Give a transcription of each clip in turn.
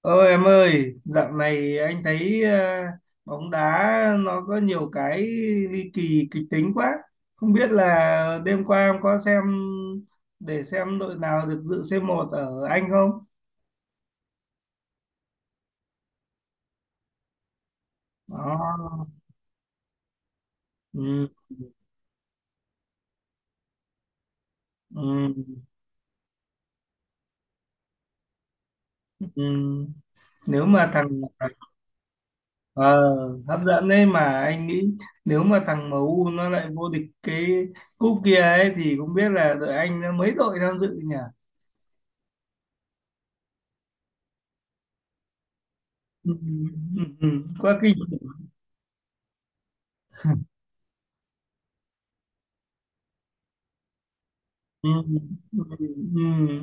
Ơ em ơi, dạo này anh thấy bóng đá nó có nhiều cái ly kỳ kịch tính quá. Không biết là đêm qua em có xem để xem đội nào được dự c một ở Anh không? Đó. Ừ, ừ, ừ. Nếu mà thằng ờ, Hấp dẫn đấy mà anh nghĩ nếu mà thằng em u nó lại vô địch cái cúp kia ấy thì cũng biết là đội Anh nó mấy đội tham dự nhỉ? Ừ, ừ, ừ, quá kinh. Ừ, ừ, ừ.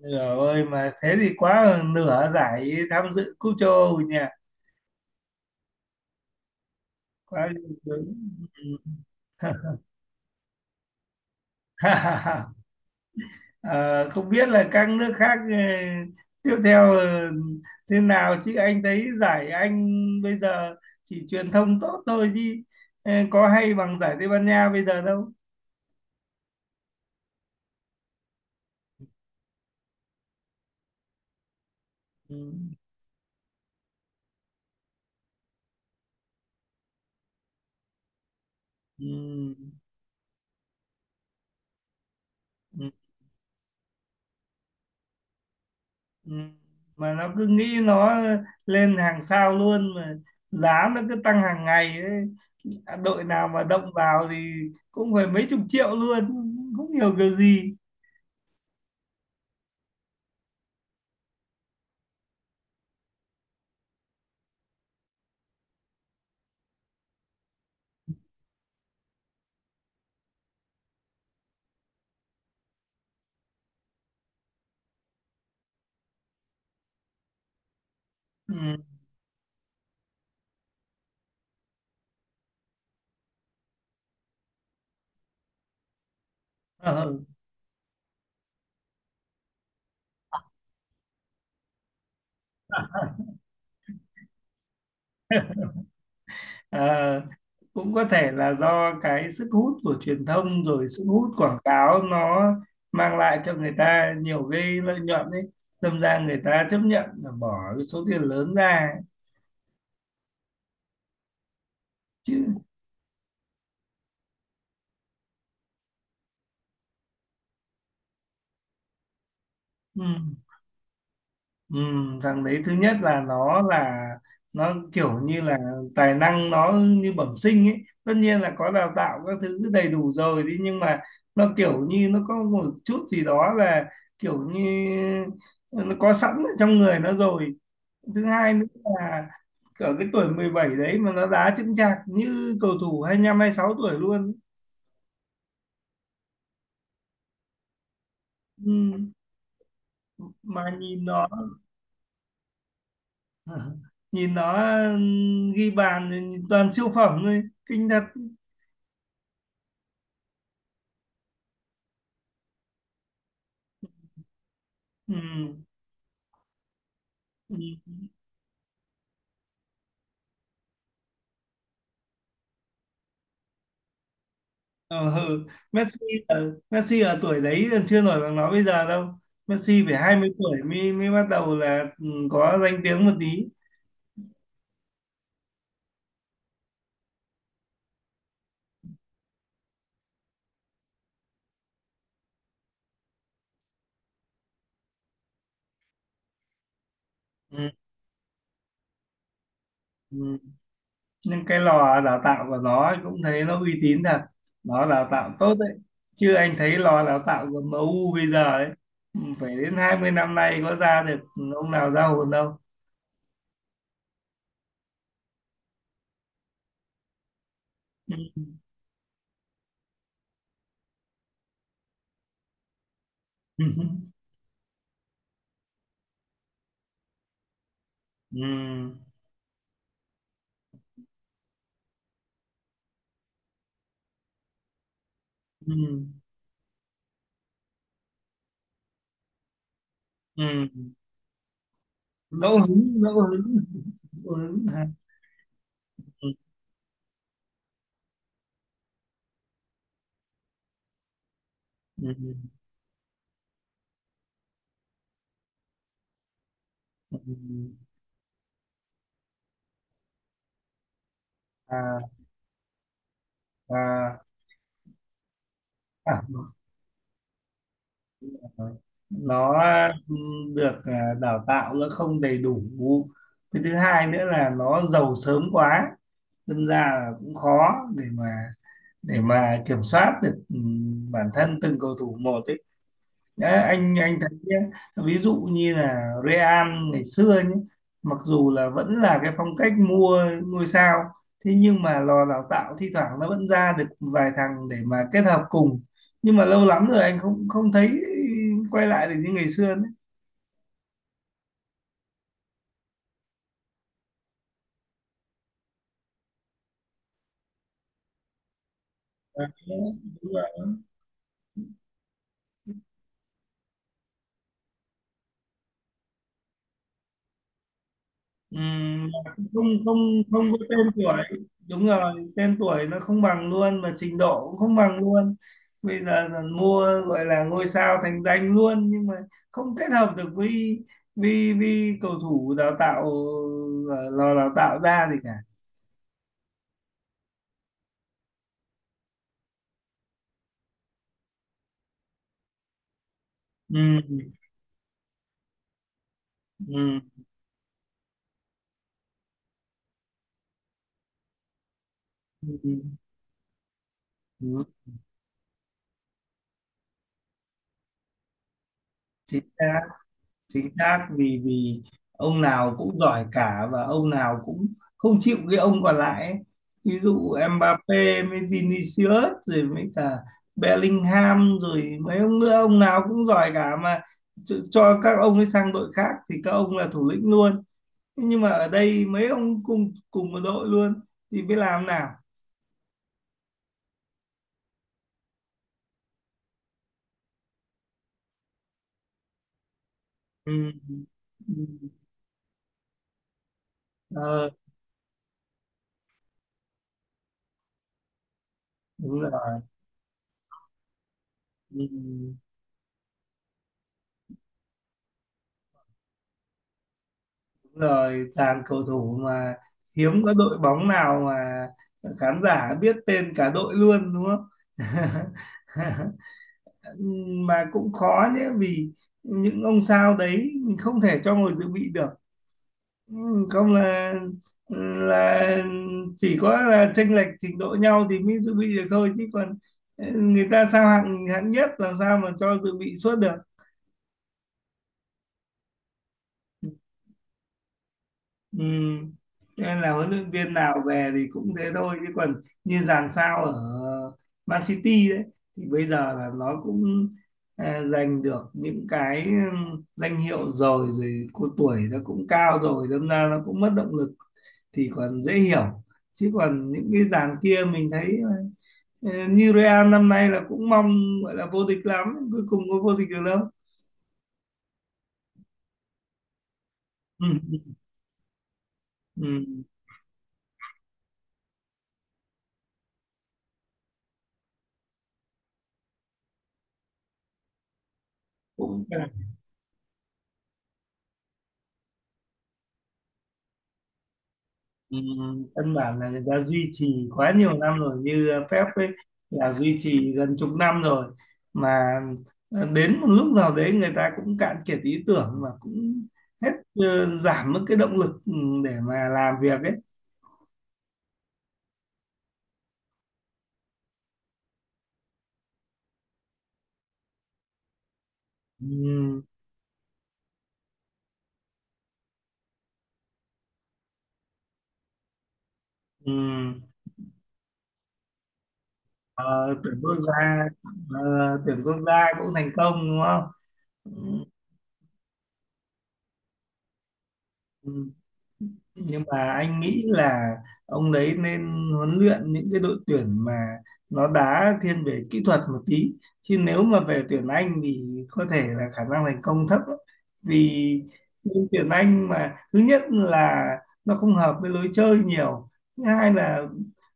Nửa ơi mà thế thì quá hơn nửa giải tham dự cúp châu Âu nhỉ quá đúng. Ừ. Ờ, Không biết là các nước khác tiếp theo thế nào chứ anh thấy giải Anh bây giờ chỉ truyền thông tốt thôi chứ có hay bằng giải Tây Ban Nha bây giờ đâu ừ. Ừ. ừ. Ừ. Mà nó cứ nghĩ nó lên hàng sao luôn mà giá nó cứ tăng hàng ngày ấy. Đội nào mà động vào thì cũng phải mấy chục triệu luôn cũng hiểu kiểu gì ừ. Ờ. Ờ. Cũng có thể là do cái sức hút của truyền thông rồi sức hút quảng cáo nó mang lại cho người ta nhiều cái lợi nhuận ấy đâm ra người ta chấp nhận là bỏ cái số tiền lớn ra chứ ừ. Ừ, thằng đấy thứ nhất là nó kiểu như là tài năng nó như bẩm sinh ấy, tất nhiên là có đào tạo các thứ đầy đủ rồi đi nhưng mà nó kiểu như nó có một chút gì đó là kiểu như nó có sẵn ở trong người nó rồi. Thứ hai nữa là ở cái tuổi 17 đấy mà nó đá chững chạc như cầu thủ 25 26 tuổi luôn. ừ, mà nhìn nó nhìn nó ghi bàn thì toàn siêu phẩm thôi kinh thật. Ừ. Ừ. Ờ, ừ. Messi Messi ở tuổi đấy là chưa nổi bằng nó bây giờ đâu. Messi phải 20 tuổi mới mới bắt đầu là có danh tiếng một tí. Ừ. Ừ. Nhưng cái lò đào tạo của nó ấy cũng thấy nó uy tín thật. Nó đào tạo tốt đấy. Chứ anh thấy lò đào tạo của MU bây giờ ấy phải đến 20 năm nay có ra được ông nào ra hồn đâu. Ừ. Ừ. Ừ. Ừ. Ừ. Ngẫu hứng, ngẫu hứng. Ngẫu hứng. Ừ. Ừ. à, và à, nó được đào tạo nó không đầy đủ. Cái thứ hai nữa là nó giàu sớm quá đâm ra là cũng khó để mà kiểm soát được bản thân từng cầu thủ một ấy. Đấy, anh thấy nhé, ví dụ như là Real ngày xưa nhé, mặc dù là vẫn là cái phong cách mua ngôi sao, thế nhưng mà lò đào tạo thi thoảng nó vẫn ra được vài thằng để mà kết hợp cùng. Nhưng mà lâu lắm rồi anh không không thấy quay lại được như ngày xưa nữa. À, đúng rồi. Ừm, không không không có tên tuổi, đúng rồi tên tuổi nó không bằng luôn mà trình độ cũng không bằng luôn. Bây giờ là mua gọi là ngôi sao thành danh luôn nhưng mà không kết hợp được với cầu thủ đào tạo, lò đào tạo ra gì cả. Ừ, ừ, ừ, ừ, chính xác chính xác vì vì ông nào cũng giỏi cả và ông nào cũng không chịu cái ông còn lại ấy. Ví dụ Mbappé mới Vinicius rồi mới cả Bellingham rồi mấy ông nữa ông nào cũng giỏi cả mà cho các ông ấy sang đội khác thì các ông là thủ lĩnh luôn. Thế nhưng mà ở đây mấy ông cùng cùng một đội luôn thì biết làm nào. Ừ. Ừ. Ờ, đúng rồi ừ. Đúng rồi, dàn cầu thủ mà hiếm có đội bóng nào mà khán giả biết tên cả đội luôn đúng không. Mà cũng khó nhé vì những ông sao đấy mình không thể cho ngồi dự bị được. Ừ, không là chỉ có là chênh lệch trình độ nhau thì mới dự bị được thôi chứ còn người ta sao hạng hạng nhất làm sao mà cho dự bị suốt được. Ừ. Cho nên là huấn luyện viên nào về thì cũng thế thôi chứ còn như dàn sao ở Man City đấy thì bây giờ là nó cũng giành được những cái danh hiệu rồi rồi cô tuổi nó cũng cao rồi đâm ra nó cũng mất động lực thì còn dễ hiểu, chứ còn những cái dàn kia mình thấy như Real năm nay là cũng mong gọi là vô địch lắm cuối cùng có vô địch được đâu. Ừ. Ừ. Cũng Ừ, căn bản là người ta duy trì quá nhiều năm rồi như Pep ấy là duy trì gần chục năm rồi, mà đến một lúc nào đấy người ta cũng cạn kiệt ý tưởng và cũng hết, giảm mất cái động lực để mà làm việc ấy ừ, ừ. Ờ, tuyển quốc gia Tuyển quốc gia cũng thành công đúng không ừ. ừ. Nhưng mà anh nghĩ là ông đấy nên huấn luyện những cái đội tuyển mà nó đá thiên về kỹ thuật một tí chứ nếu mà về tuyển Anh thì có thể là khả năng thành công thấp lắm. Vì những tuyển Anh mà thứ nhất là nó không hợp với lối chơi nhiều, thứ hai là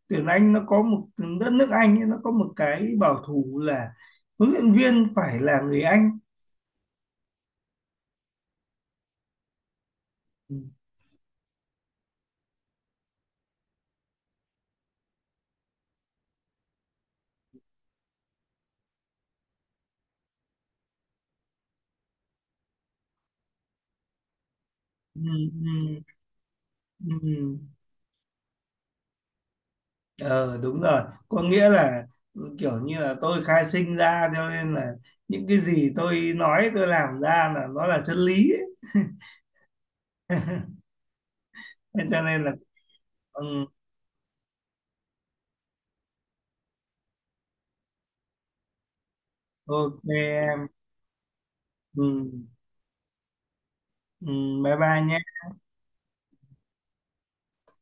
tuyển Anh nó có một đất nước Anh ấy, nó có một cái bảo thủ là huấn luyện viên phải là người Anh ừ, ừ, ừ. ừ. Ờ đúng rồi, có nghĩa là kiểu như là tôi khai sinh ra cho nên là những cái gì tôi nói tôi làm ra là nó là chân lý ấy. Thế cho nên là ừ, ok em ừ, ừ, bye bye nhé